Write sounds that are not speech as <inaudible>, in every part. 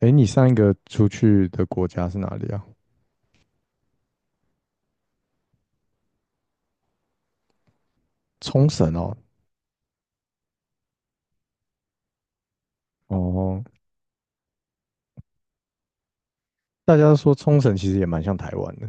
诶，你上一个出去的国家是哪里啊？冲绳哦。哦，大家都说冲绳其实也蛮像台湾的。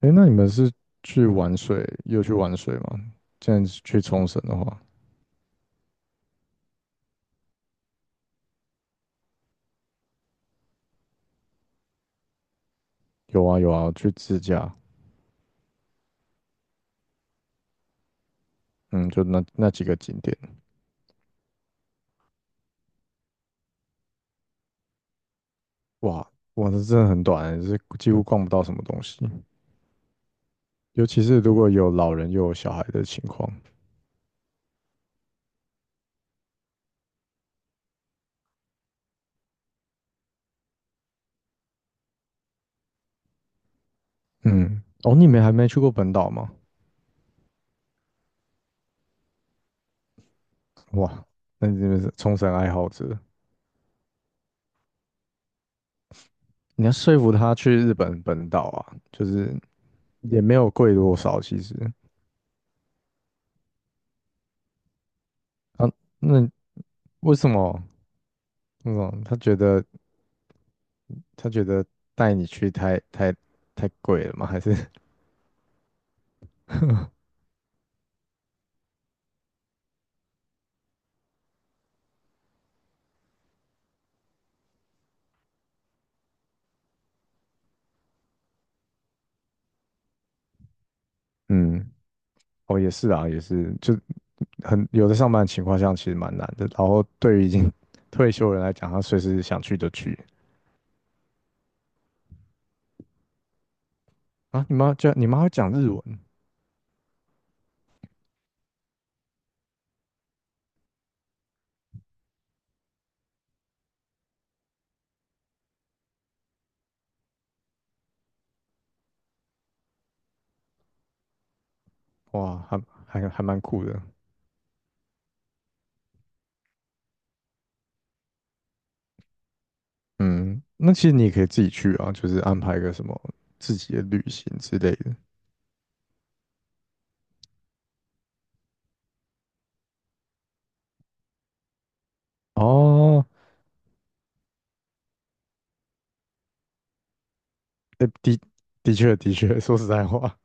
诶，那你们是去玩水，有去玩水吗？这样子去冲绳的话，有啊有啊，去自驾。嗯，就那几个景点。哇，哇，这真的很短欸，是几乎逛不到什么东西，尤其是如果有老人又有小孩的情况。嗯，哦，你们还没去过本岛吗？哇，那你们是冲绳爱好者。你要说服他去日本本岛啊，就是也没有贵多少，其实。啊，那为什么那种他觉得带你去太贵了吗？还是 <laughs> 嗯，哦也是啊，也是，就很有的上班情况下其实蛮难的。然后对于已经 <laughs> 退休的人来讲，他随时想去就去啊。你妈就，你妈会讲日文。哇，还蛮酷的。嗯，那其实你也可以自己去啊，就是安排个什么自己的旅行之类的。哦，诶的的确的确，<laughs> 说实在话，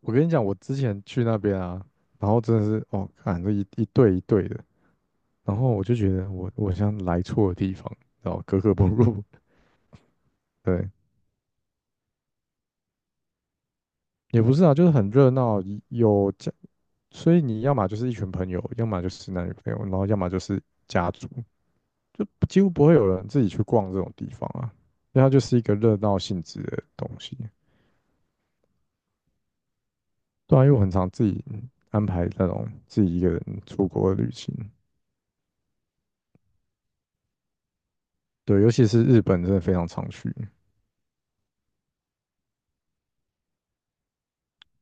我跟你讲，我之前去那边啊，然后真的是哦，看这一对一对的，然后我就觉得我像来错地方，然后格格不入。<laughs> 对，也不是啊，就是很热闹，有家，所以你要么就是一群朋友，要么就是男女朋友，然后要么就是家族，就几乎不会有人自己去逛这种地方啊，因为它就是一个热闹性质的东西。对啊，因为我很常自己安排那种自己一个人出国的旅行。对，尤其是日本真的非常常去。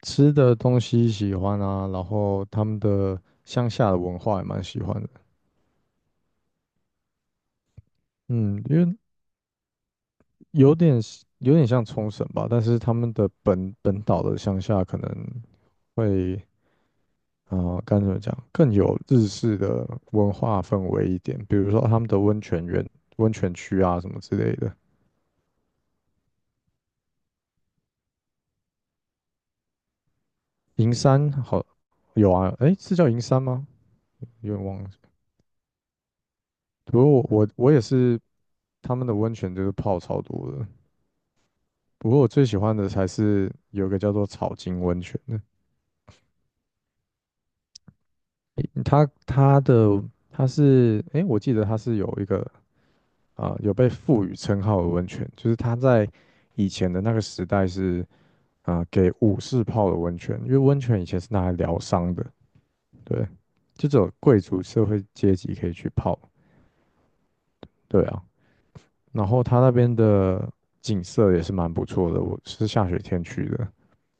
吃的东西喜欢啊，然后他们的乡下的文化也蛮喜欢的。嗯，因为有点像冲绳吧，但是他们的本岛的乡下可能会。呃怎么讲，更有日式的文化氛围一点，比如说他们的温泉园、温泉区啊什么之类的。银山好。有啊，诶，是叫银山吗？有点忘了。不过我也是，他们的温泉就是泡超多的。不过我最喜欢的才是有一个叫做草金温泉的。它它的它是，诶，我记得它是有一个有被赋予称号的温泉，就是它在以前的那个时代是给武士泡的温泉，因为温泉以前是拿来疗伤的。对，就只有贵族社会阶级可以去泡，对啊。然后它那边的景色也是蛮不错的，我是下雪天去的。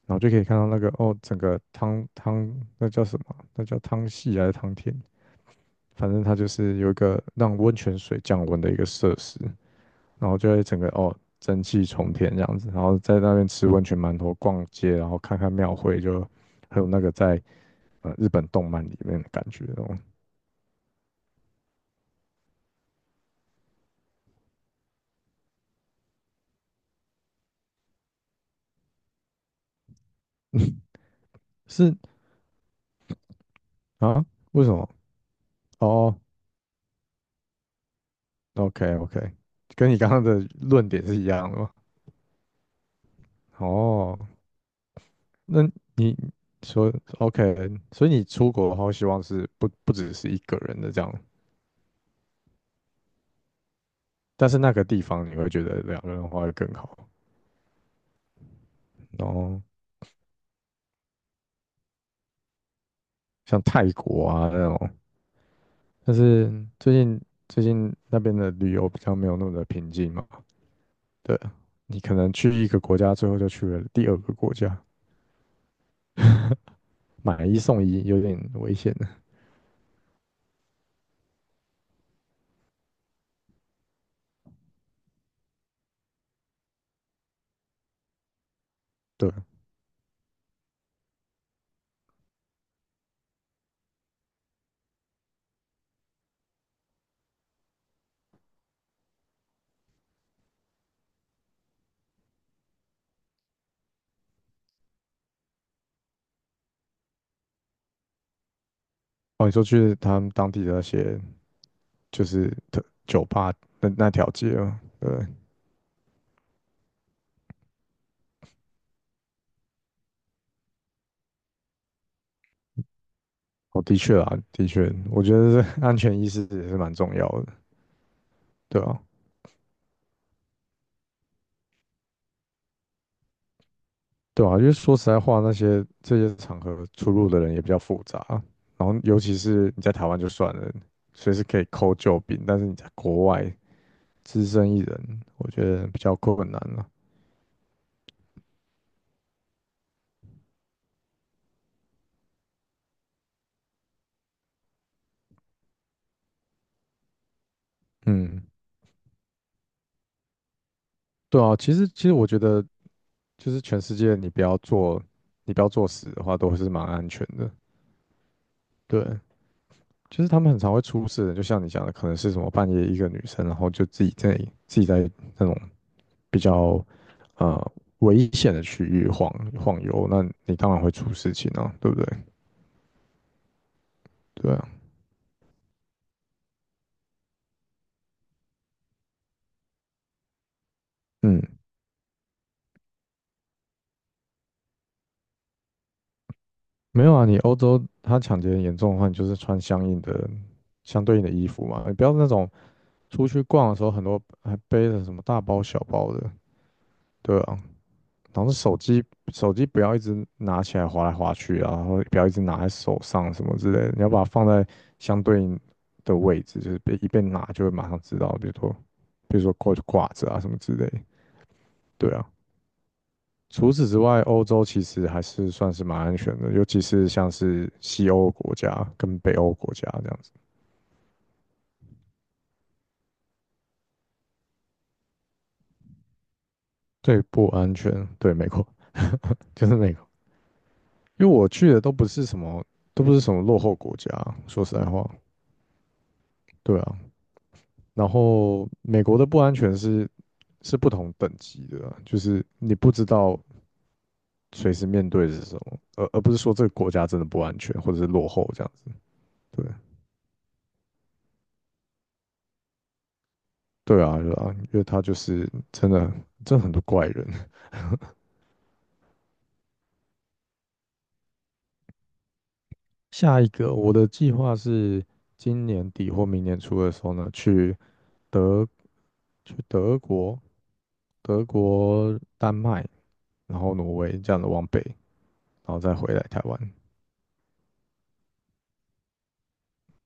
然后就可以看到那个哦，整个汤那叫什么？那叫汤系还是汤田？反正它就是有一个让温泉水降温的一个设施，然后就会整个哦蒸汽冲天这样子，然后在那边吃温泉馒头、逛街，然后看看庙会，就很有那个在日本动漫里面的感觉哦。<laughs> 是啊？为什么？哦，OK OK，跟你刚刚的论点是一样的吗？哦。那你说 OK，所以你出国的话，希望是不只是一个人的这样，但是那个地方你会觉得两个人的话会更好。然后像泰国啊那种，但是最近最近那边的旅游比较没有那么的平静嘛。对，你可能去一个国家，最后就去了第二个国家，买一送一有点危险的。对，哦，你说去他们当地的那些就是特酒吧那条街嘛，对。哦，的确啊，的确，我觉得这 <laughs> 安全意识也是蛮重要的。对啊，对啊，因为说实在话，那些这些场合出入的人也比较复杂，然后尤其是你在台湾就算了，随时可以扣救兵，但是你在国外只身一人，我觉得比较困难了。嗯，对啊，其实我觉得就是全世界你不要做，你不要作死的话，都是蛮安全的。对，就是他们很常会出事的，就像你讲的，可能是什么半夜一个女生，然后就自己在那种比较呃危险的区域晃悠，那你当然会出事情啊，对不对？对啊。嗯，没有啊，你欧洲他抢劫严重的话，你就是穿相对应的衣服嘛，你不要那种出去逛的时候很多还背着什么大包小包的。对啊，然后手机不要一直拿起来滑来滑去啊，然后不要一直拿在手上什么之类的，你要把它放在相对应的位置，就是被拿就会马上知道，比如说挂着啊什么之类的，对啊。除此之外，欧洲其实还是算是蛮安全的，尤其是像是西欧国家跟北欧国家这样子。最不安全，对，美国 <laughs> 就是美国，因为我去的都不是什么，都不是什么落后国家，说实在话，对啊。然后美国的不安全是是不同等级的啊就是你不知道随时面对的是什么，而不是说这个国家真的不安全或者是落后这样子。对。对啊，对啊，因为他就是真的很多怪人。<laughs> 下一个，我的计划是今年底或明年初的时候呢，去德去德国、德国、丹麦，然后挪威这样的往北，然后再回来台湾。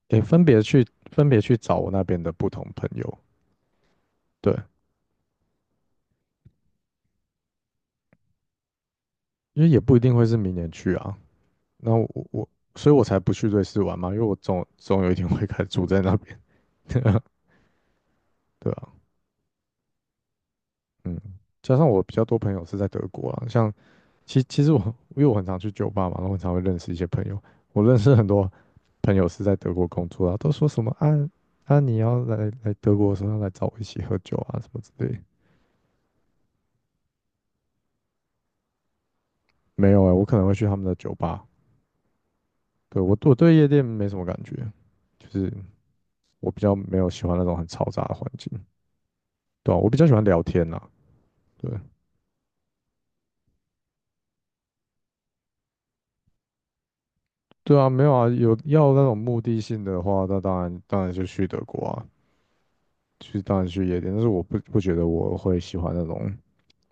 也分别去分别去找我那边的不同朋友。对，因为也不一定会是明年去啊。那我我，所以我才不去瑞士玩嘛，因为我总有一天会开始住在那边。<laughs> 对啊。嗯，加上我比较多朋友是在德国啊，像其实我因为我很常去酒吧嘛，然后很常会认识一些朋友。我认识很多朋友是在德国工作啊，都说什么啊啊你要来德国的时候要来找我一起喝酒啊什么之类的。没有哎、我可能会去他们的酒吧。对，我我对夜店没什么感觉，就是我比较没有喜欢那种很嘈杂的环境。对啊，我比较喜欢聊天啦。对，对啊，没有啊，有要那种目的性的话，那当然就去德国啊，去当然去夜店。但是我不觉得我会喜欢那种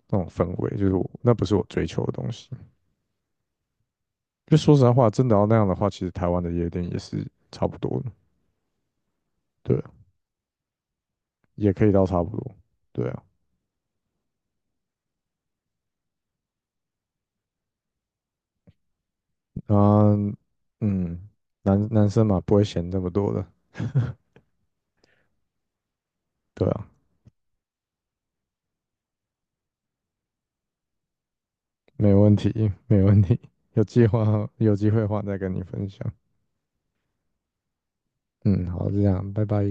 那种氛围，就是我那不是我追求的东西。就说实在话，真的要那样的话，其实台湾的夜店也是差不多的。对啊，也可以到差不多，对啊。嗯嗯，男生嘛不会嫌这么多的，对啊。没问题，没问题，有计划有机会的话再跟你分享。嗯，好，就这样，拜拜。